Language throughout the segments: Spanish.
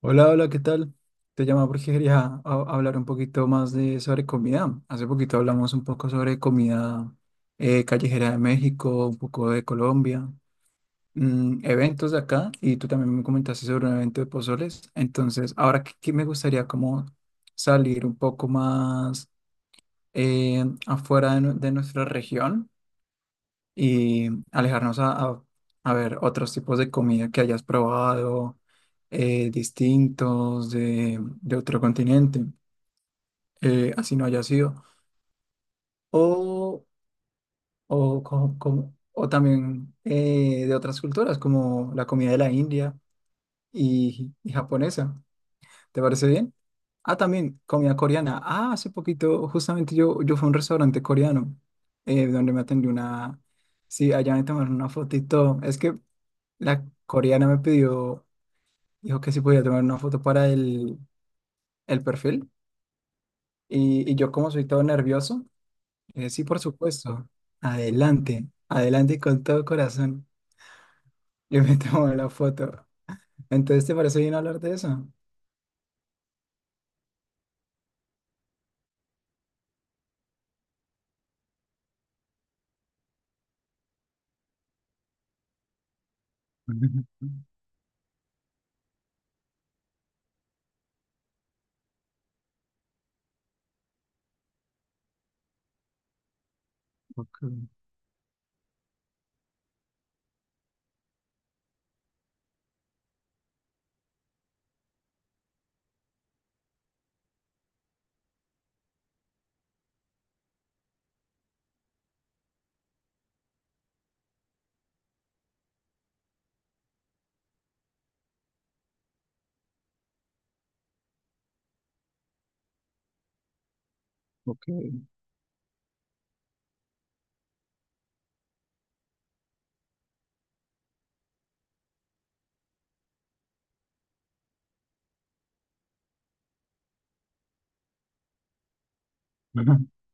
Hola, hola, ¿qué tal? Te llamo porque quería hablar un poquito más de sobre comida. Hace poquito hablamos un poco sobre comida callejera de México, un poco de Colombia, eventos de acá, y tú también me comentaste sobre un evento de pozoles. Entonces, ahora que me gustaría como salir un poco más afuera de nuestra región y alejarnos a ver otros tipos de comida que hayas probado, distintos de otro continente, así no haya sido, o, o también de otras culturas, como la comida de la India y japonesa. ¿Te parece bien? Ah, también comida coreana. Ah, hace poquito justamente yo fui a un restaurante coreano, donde me atendió una... Sí, allá me tomaron una fotito. Es que la coreana me pidió, dijo que si podía tomar una foto para el perfil. Y yo como soy todo nervioso, le sí, por supuesto. Adelante, adelante y con todo corazón. Yo me tomo la foto. Entonces, ¿te parece bien hablar de eso? Ok, ok.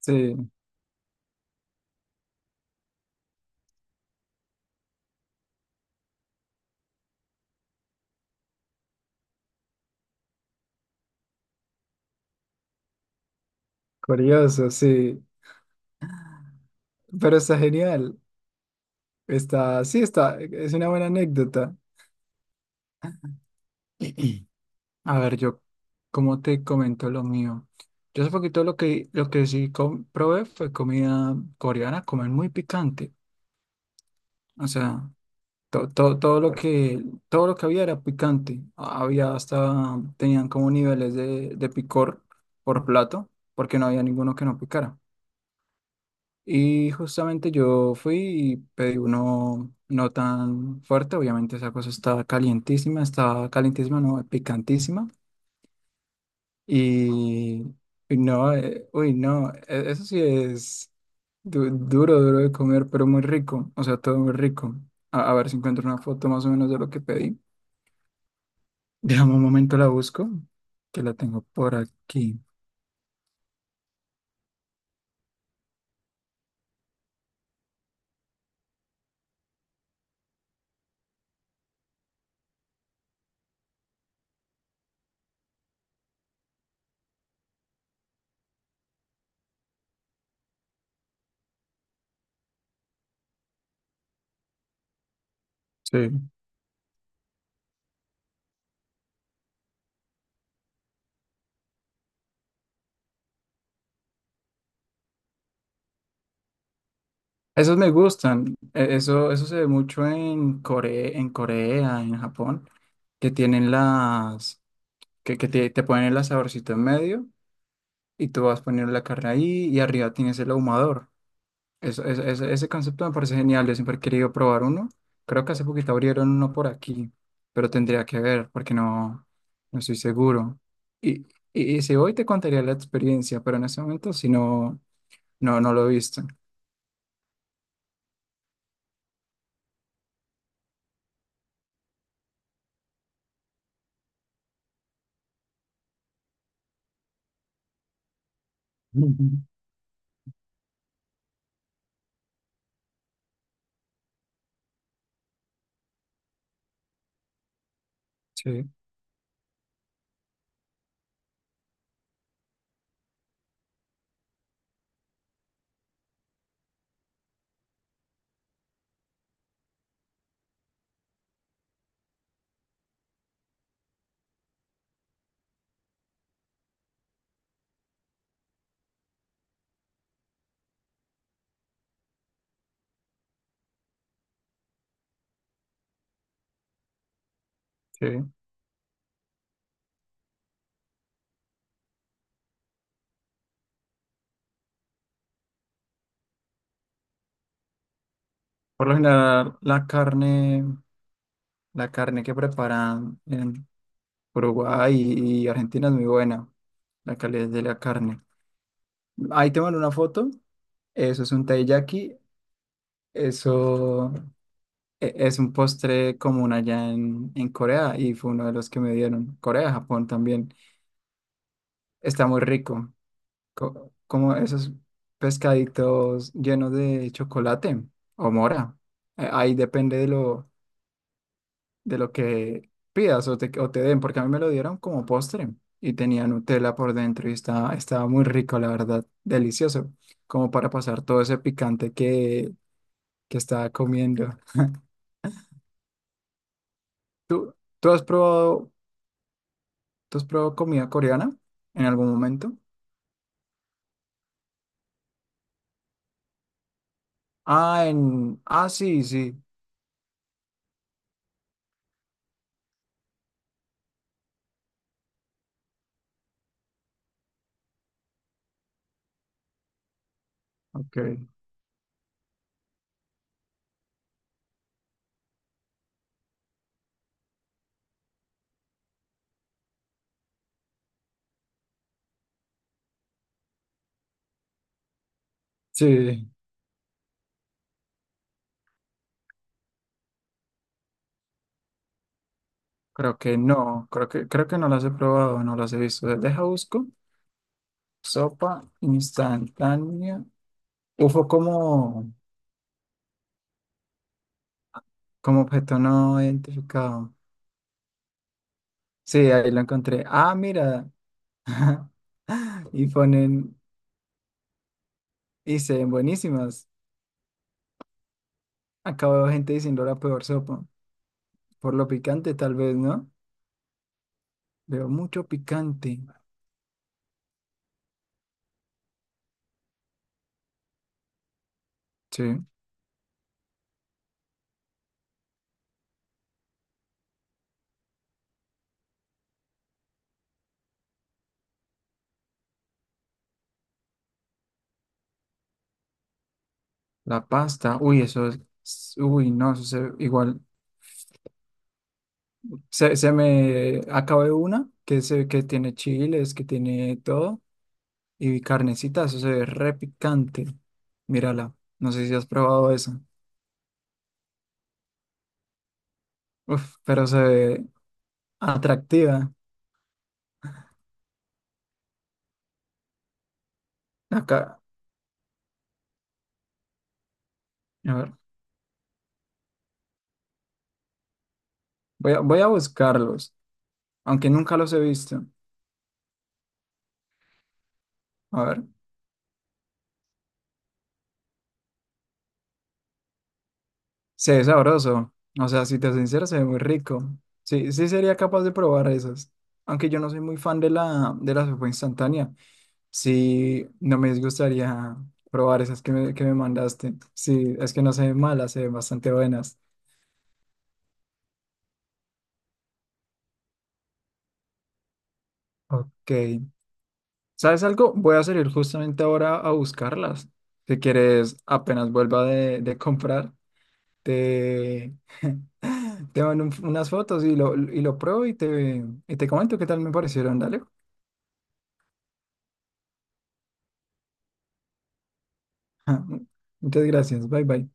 Sí, curioso, sí. Pero está genial. Está, sí, está, es una buena anécdota. A ver, yo, ¿como te comento lo mío? Yo hace poquito lo que sí probé fue comida coreana, comer muy picante. O sea, todo lo todo lo que había era picante. Había hasta, tenían como niveles de picor por plato, porque no había ninguno que no picara. Y justamente yo fui y pedí uno no tan fuerte, obviamente esa cosa estaba calientísima, no, picantísima. Y y no, uy, no, eso sí es duro, duro de comer, pero muy rico, o sea, todo muy rico. A ver si encuentro una foto más o menos de lo que pedí. Déjame un momento, la busco, que la tengo por aquí. Sí. Esos me gustan, eso, eso se ve mucho en Corea, en Corea, en Japón, que tienen las, te ponen el asadorcito en medio y tú vas poniendo la carne ahí y arriba tienes el ahumador. Ese concepto me parece genial, yo siempre he querido probar uno. Creo que hace poquito abrieron uno por aquí, pero tendría que ver porque no, no estoy seguro. Y, y si hoy te contaría la experiencia, pero en ese momento si no, no, no lo he visto. Ujú. Sí, sí. Por lo general, la carne que preparan en Uruguay y Argentina es muy buena, la calidad de la carne. Ahí te mando una foto, eso es un taiyaki, eso... es un postre común allá en Corea y fue uno de los que me dieron. Corea, Japón también. Está muy rico. Como esos pescaditos llenos de chocolate o mora. Ahí depende de de lo que pidas o te den, porque a mí me lo dieron como postre y tenía Nutella por dentro y estaba, estaba muy rico, la verdad. Delicioso. Como para pasar todo ese picante que estaba comiendo. ¿Tú, ¿tú has probado? ¿Tú has probado comida coreana en algún momento? Ah, en... Ah, sí, sí. Ok. Sí, creo que no. Creo que no las he probado, no las he visto. Deja busco. Sopa instantánea. Ufo como, como objeto no identificado. Sí, ahí lo encontré. Ah, mira. Y ponen... Y se ven buenísimas. Acabo de ver gente diciendo la peor sopa. Por lo picante, tal vez, ¿no? Veo mucho picante. Sí. La pasta, uy, eso es, uy, no, igual, se me acabé una que tiene chiles, que tiene todo, y carnecita, eso se ve re picante, mírala, no sé si has probado eso. Uf, pero se ve atractiva, acá, a ver, voy a buscarlos, aunque nunca los he visto, a ver, se ve sabroso, o sea, si te soy sincero, se ve muy rico, sí, sí sería capaz de probar esas, aunque yo no soy muy fan de de la sopa instantánea. Sí, no me disgustaría probar esas que me mandaste. Sí, es que no se ven malas, se ven bastante buenas. Ok. ¿Sabes algo? Voy a salir justamente ahora a buscarlas. Si quieres, apenas vuelva de comprar, te, te mando unas fotos y y lo pruebo y te comento qué tal me parecieron. Dale. Muchas gracias. Bye bye.